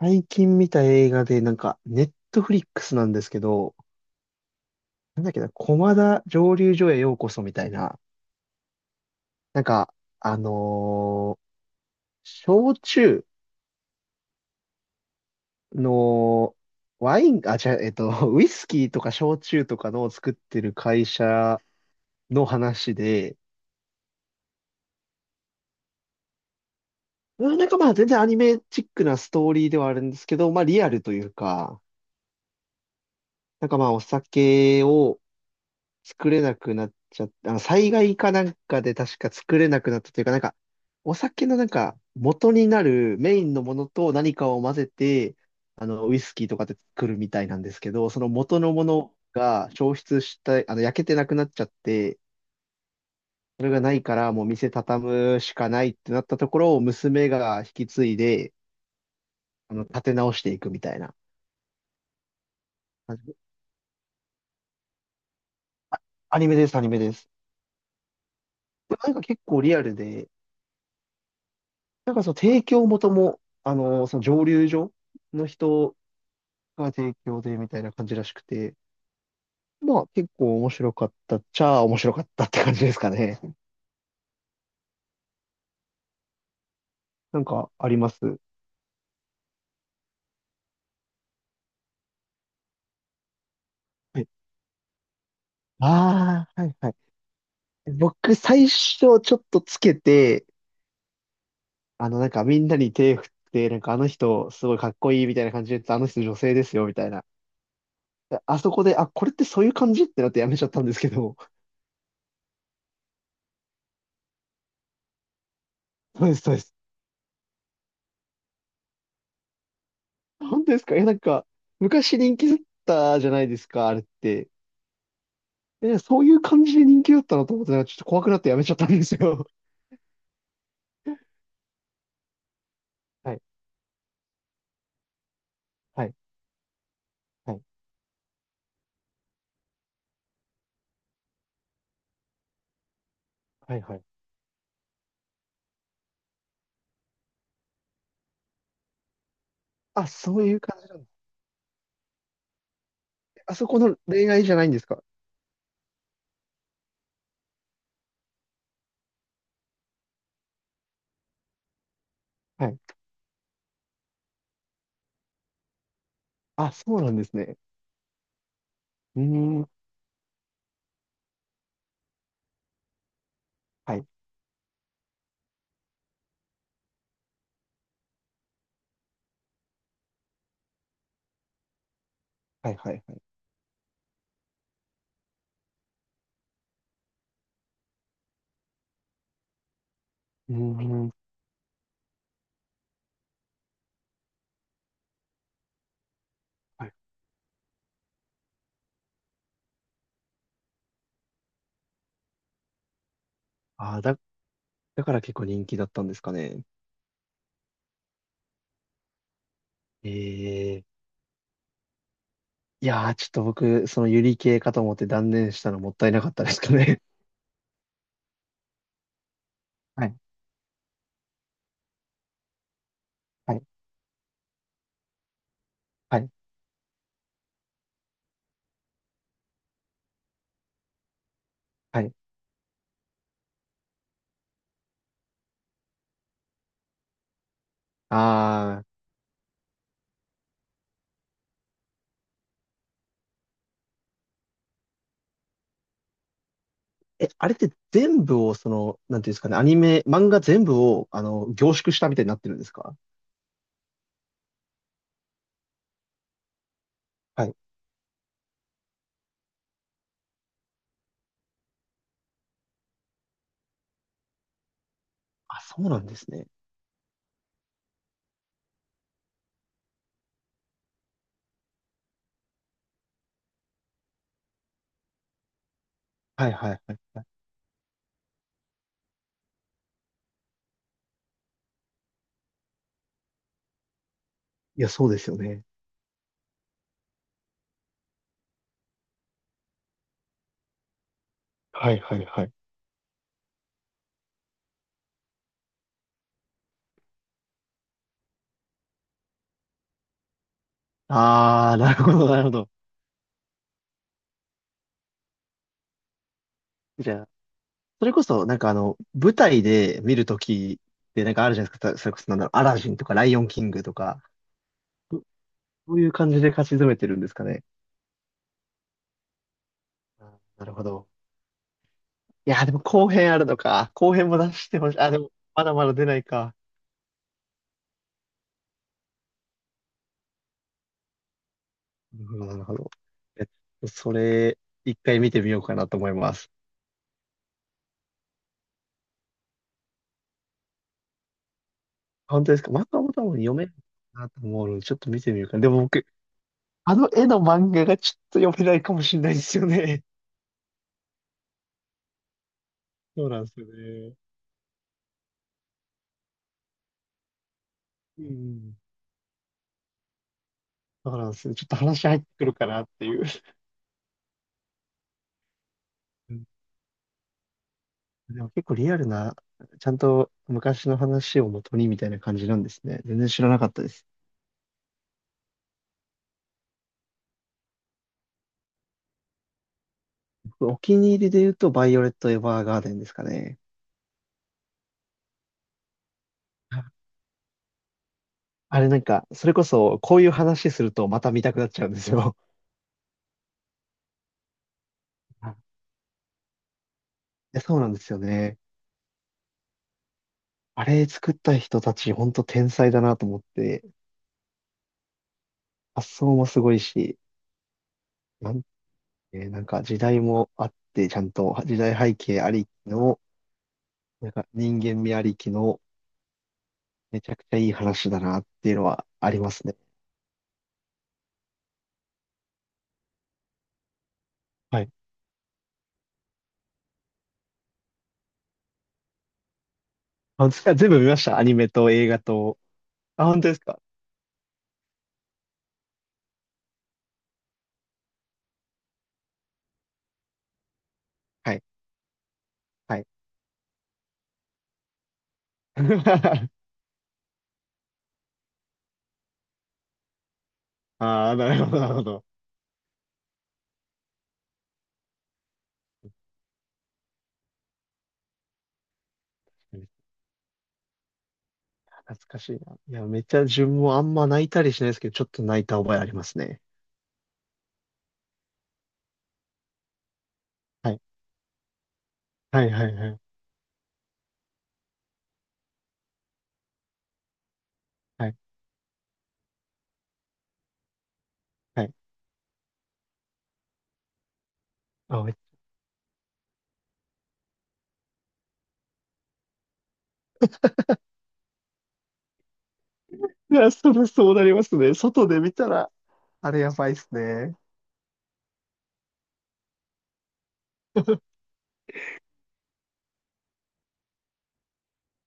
最近見た映画で、なんか、ネットフリックスなんですけど、なんだっけな、駒田蒸留所へようこそみたいな、なんか、あのー焼酎の、ワイン、あ、違う、ウイスキーとか焼酎とかの作ってる会社の話で、うん、なんかまあ全然アニメチックなストーリーではあるんですけど、まあリアルというか、なんかまあお酒を作れなくなっちゃって、災害かなんかで確か作れなくなったというか、なんか、お酒のなんか、元になるメインのものと何かを混ぜて、ウイスキーとかで作るみたいなんですけど、その元のものが消失した、焼けてなくなっちゃって、それがないからもう店畳むしかないってなったところを娘が引き継いで、立て直していくみたいな。アニメです、アニメです。なんか結構リアルで、なんかその提供元も、その蒸留所の人が提供でみたいな感じらしくて、まあ結構面白かったっちゃあ面白かったって感じですかね。なんかあります。はい。ああ、はいはい。僕最初ちょっとつけて、なんかみんなに手振って、なんかあの人すごいかっこいいみたいな感じで言ってたあの人女性ですよみたいな。であそこで、あ、これってそういう感じってなってやめちゃったんですけど。そうです、そうです。本当ですか？え、いやなんか昔人気だったじゃないですか、あれって。え、そういう感じで人気だったなと思ってたら、ちょっと怖くなってやめちゃったんですよ。はい、はい、はい、はい、はい。あ、そういう感じなんですね。あそこの恋愛じゃないんですか？はい。あ、そうなんですね。うーん。はい、はい、はい、はい。うーん。はい。あーだ、だから結構人気だったんですかね。ええ、いやー、ちょっと僕、そのユリ系かと思って断念したのもったいなかったですかね。はい、はい、はい、はい。ああ。え、あれって全部を、なんていうんですかね、アニメ、漫画全部を、凝縮したみたいになってるんですか？はい。あ、そうなんですね。はいはいはい。いや、そうですよね。はいはいはい。あー、なるほど、なるほど。じゃあ、それこそ、なんか舞台で見るときで、なんかあるじゃないですか。それこそ、なんだろう、アラジンとか、ライオンキングとか、そそういう感じで勝ち詰めてるんですかね。あ、なるほど。いや、でも後編あるのか。後編も出してほしい。あ、でも、まだまだ出ないか。なるほど、なるほど。えっそれ、一回見てみようかなと思います。本当ですか？漫画も多分読めるかなと思うので、ちょっと見てみようかな。でも僕、あの絵の漫画がちょっと読めないかもしれないですよね。そうなんですよね。うん。そうなんですよ。ちょっと話入ってくるかなっていう。うん、でも結構リアルな、ちゃんと昔の話を元にみたいな感じなんですね。全然知らなかったです。僕お気に入りで言うと、バイオレット・エヴァーガーデンですかね。あれなんか、それこそ、こういう話するとまた見たくなっちゃうんですよ。いや、そうなんですよね。あれ作った人たち、ほんと天才だなと思って、発想もすごいし、なんて、なんか時代もあって、ちゃんと時代背景ありきの、なんか人間味ありきの、めちゃくちゃいい話だなっていうのはありますね。はい。あ、全部見ました。アニメと映画と。あ、本当ですか？はい。はい。ああ、なるほど、なるほど。懐かしいな。いや、めっちゃ自分もあんま泣いたりしないですけど、ちょっと泣いた覚えありますね。はい。はいはいはい。はい。はい。あ、いや、それそうなりますね。外で見たら、あれやばいっすね。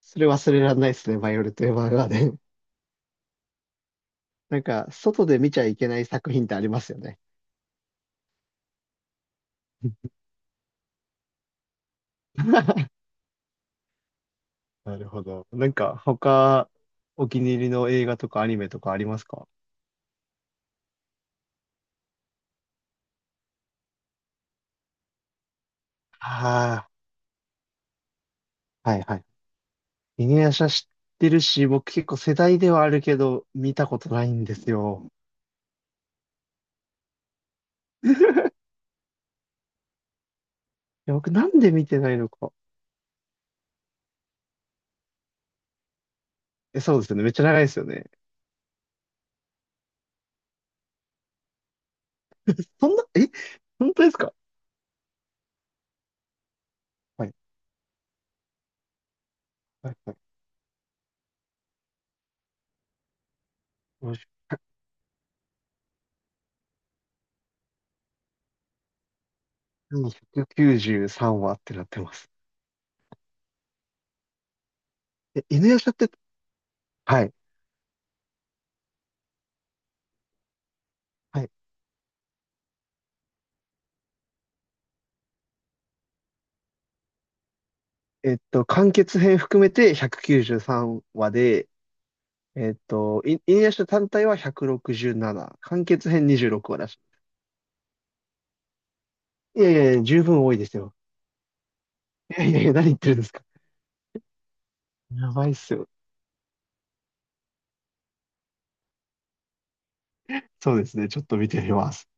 それ忘れられないですね、バイオレット・エヴァーガーデン。なんか、外で見ちゃいけない作品ってありますよね。なるほど。なんか、他、お気に入りの映画とかアニメとかありますか？ああ、はいはい。犬夜叉知ってるし、僕結構世代ではあるけど、見たことないんですよ。いや、僕なんで見てないのか。え、そうですよね。めっちゃ長いですよね。そんな、え、本当ですか？はい、はい、はい。もう193話ってなってます。え、犬夜叉って、はい、はい。完結編含めて193話で、犬夜叉単体は167、完結編26話だし。いやいやいや、十分多いですよ。いやいやいや、何言ってるんですか？やばいっすよ。そうですね。ちょっと見てみます。